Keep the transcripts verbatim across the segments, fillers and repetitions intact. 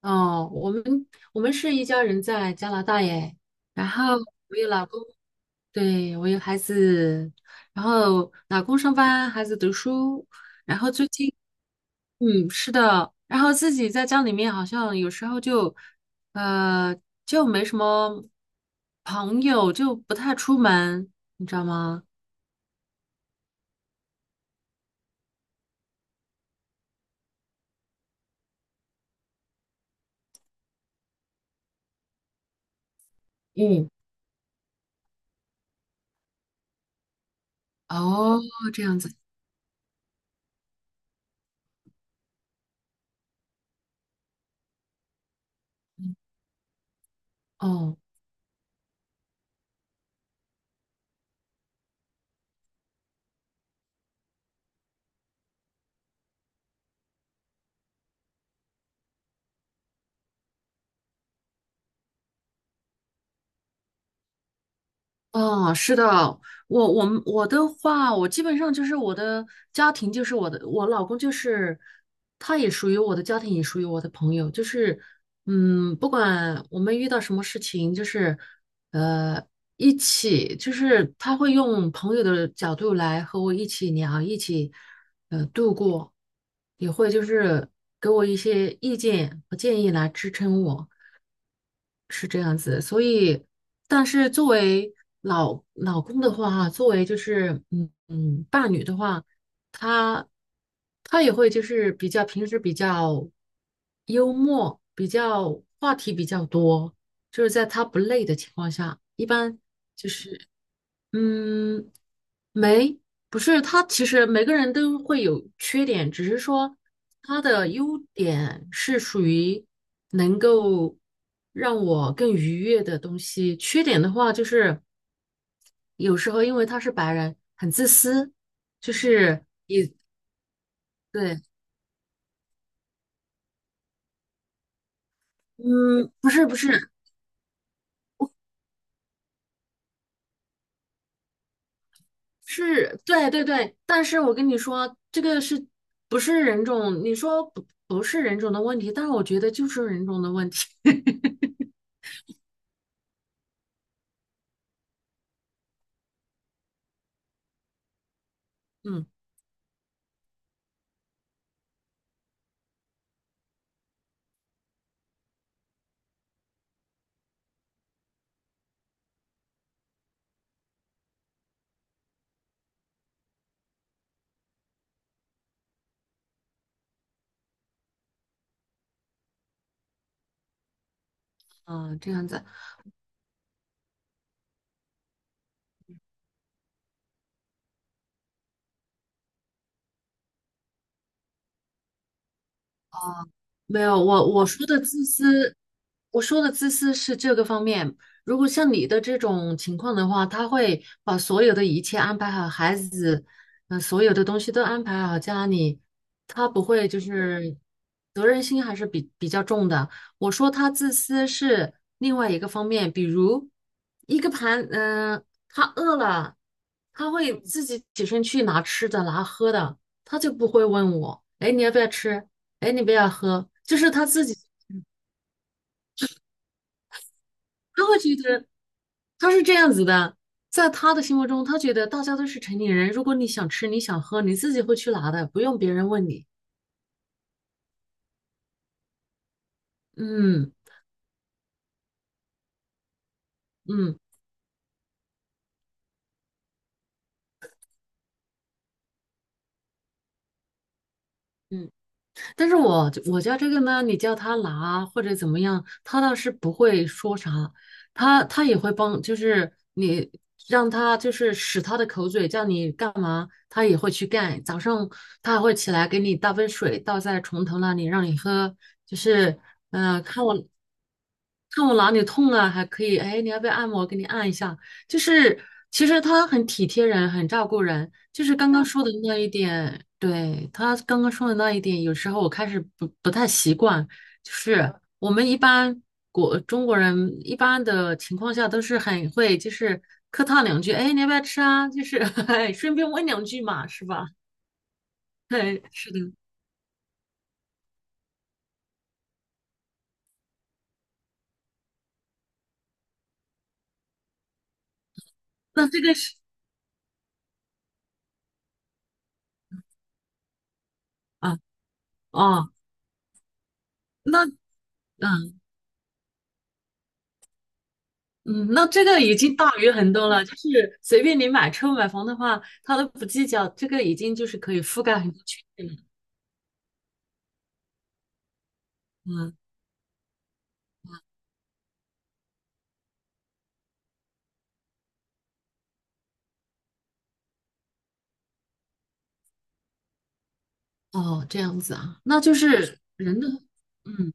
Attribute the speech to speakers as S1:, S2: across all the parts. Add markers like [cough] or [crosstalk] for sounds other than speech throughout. S1: 哦，我们我们是一家人在加拿大耶，然后我有老公，对，我有孩子，然后老公上班，孩子读书，然后最近，嗯，是的，然后自己在家里面好像有时候就，呃，就没什么朋友，就不太出门，你知道吗？嗯，哦，这样子，嗯哦。哦，是的，我我们我的话，我基本上就是我的家庭，就是我的我老公，就是他也属于我的家庭，也属于我的朋友，就是嗯，不管我们遇到什么事情，就是呃一起，就是他会用朋友的角度来和我一起聊，一起呃度过，也会就是给我一些意见和建议来支撑我。但是作为老老公的话，作为就是嗯嗯伴侣的话，他他也会就是比较平时比较幽默，比较话题比较多，就是在他不累的情况下，一般嗯，没，不是，他其实每个人都会有缺点，只是说他的优点是属于能够让我更愉悦的东西，缺点的话就是有时候因为他是白人，很自私，就是对，嗯，不是不是是，对对对，但是我跟你说，这个是不是人种？你说不不是人种的问题，但是我觉得就是人种的问题，[laughs] 嗯。啊，这样子，没有，我我说的自私，我说的自私是这个方面。如果像你的这种情况的话，他会把所有的一切安排好，孩子，嗯、所有的东西都安排好，家里，他不会就是责任心还是比比较重的。我说他自私是另外一个方面，比如一个盘，嗯、他饿了，他会自己起身去拿吃的拿喝的，他就不会问我，哎，你要不要吃？哎，你不要喝，就是他自己，他会觉得他是这样子的，在他的心目中，他觉得大家都是成年人，如果你想吃，你想喝，你自己会去拿的，不用别人问你。嗯嗯嗯，但是我我家这个呢，你叫他拿或者怎么样，他倒是不会说啥，他他也会帮，就是你让他就是使他的口嘴叫你干嘛，他也会去干。早上他还会起来给你倒杯水，倒在床头那里让你喝，就是嗯、呃看我看我哪里痛了，还可以，哎，你要不要按摩？给你按一下。就是其实他很体贴人，很照顾人。就是刚刚说的那一点，对，他刚刚说的那一点，有时候我开始不不太习惯。就是我们一般国中国人一般的情况下都是很会，就是客套两句，哎，你要不要吃啊？就是 [laughs] 哎，顺便问两句嘛，是吧？[laughs] 对，是的。那这个是啊，哦，那嗯嗯，那这个已经大于很多了。就是随便你买车买房的话，他都不计较，这个已经就是可以覆盖很多群体了。嗯。哦，这样子啊，那就是人的，嗯，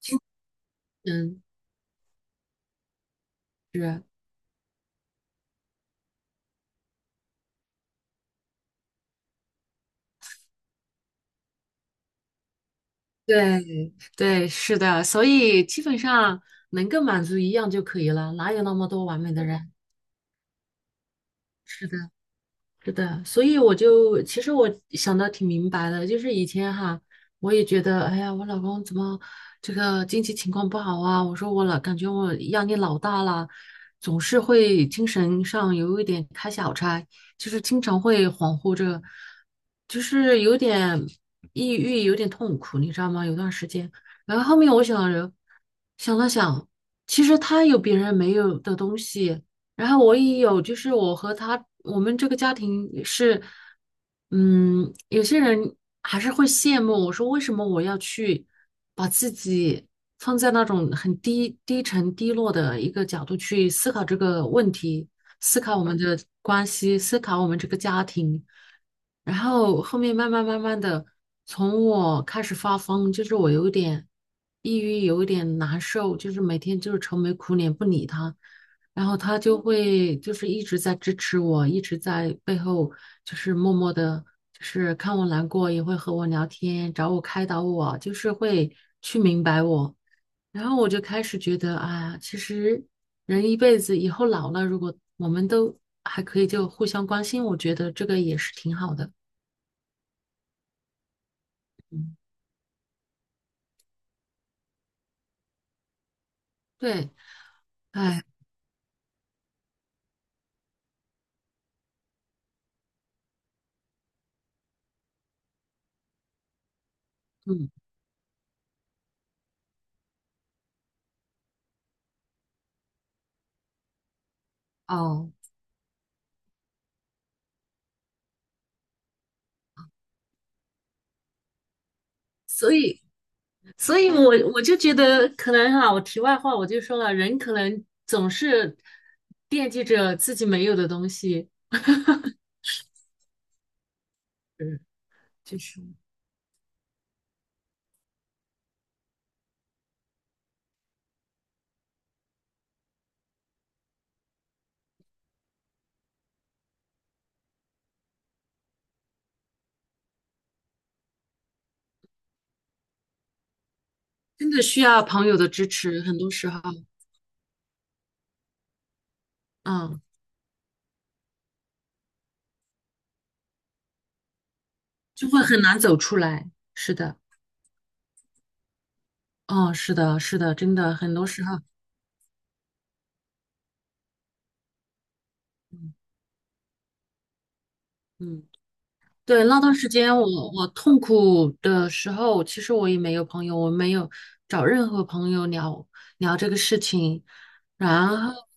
S1: 精神是，对对，是的，所以基本上能够满足一样就可以了，哪有那么多完美的人？是的，是的，所以我就其实我想的挺明白的，就是以前哈，我也觉得，哎呀，我老公怎么这个经济情况不好啊？我说我老感觉我压力老大了，总是会精神上有一点开小差，就是经常会恍惚着，就是有点抑郁，有点痛苦，你知道吗？有段时间，然后后面我想着想了想，其实他有别人没有的东西。然后我也有，就是我和他，我们这个家庭也是，嗯，有些人还是会羡慕我说，为什么我要去把自己放在那种很低、低沉、低落的一个角度去思考这个问题，思考我们的关系，思考我们这个家庭。然后后面慢慢慢慢的，从我开始发疯，就是我有点抑郁，有点难受，就是每天就是愁眉苦脸不理他，然后他就会就是一直在支持我，一直在背后就是默默的，就是看我难过也会和我聊天，找我开导我，就是会去明白我。然后我就开始觉得，哎呀，其实人一辈子以后老了，如果我们都还可以就互相关心，我觉得这个也是挺好的。对，哎，嗯，哦，所以，所以我我就觉得，可能哈、我题外话我就说了，人可能总是惦记着自己没有的东西，嗯，就是真的需要朋友的支持，很多时候，嗯，就会很难走出来。是的，哦，是的，是的，真的，很多时候，嗯嗯。对，那段时间我我痛苦的时候，其实我也没有朋友，我没有找任何朋友聊聊这个事情。然后，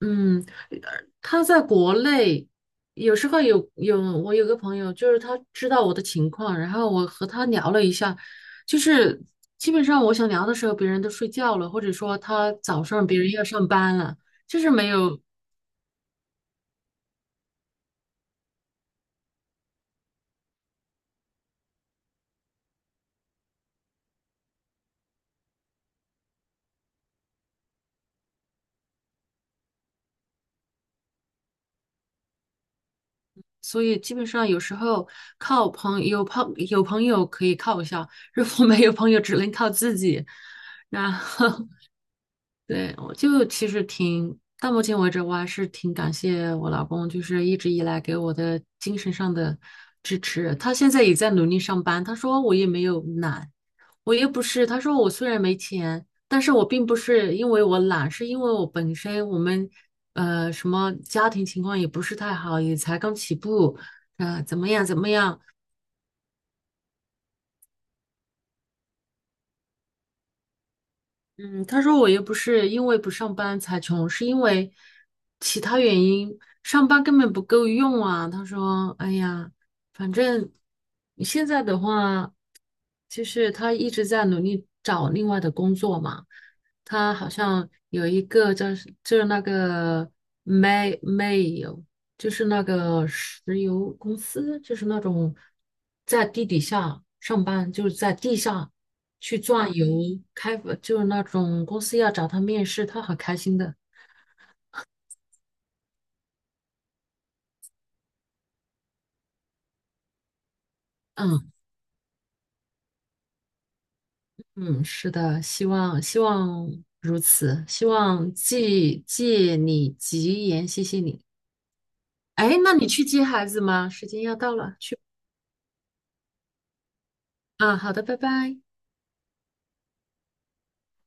S1: 嗯，呃他在国内，有时候有有我有个朋友，就是他知道我的情况，然后我和他聊了一下，就是基本上我想聊的时候，别人都睡觉了，或者说他早上别人要上班了，就是没有。所以基本上有时候靠朋有朋有朋友可以靠一下，如果没有朋友，只能靠自己。然后对，我就其实挺，到目前为止，我还是挺感谢我老公，就是一直以来给我的精神上的支持。他现在也在努力上班，他说我也没有懒，我又不是，他说我虽然没钱，但是我并不是因为我懒，是因为我本身我们呃什么家庭情况也不是太好，也才刚起步，呃怎么样怎么样，嗯，他说我又不是因为不上班才穷，是因为其他原因，上班根本不够用啊。他说，哎呀，反正你现在的话，就是他一直在努力找另外的工作嘛。他好像有一个叫是就是那个 m a 煤煤油，就是那个石油公司，就是那种在地底下上班，就是在地下。去转游，开呃就是那种公司要找他面试，他很开心的。嗯嗯，是的，希望希望如此，希望借借你吉言，谢谢你。哎，那你去接孩子吗？时间要到了，去吧啊，好的，拜拜。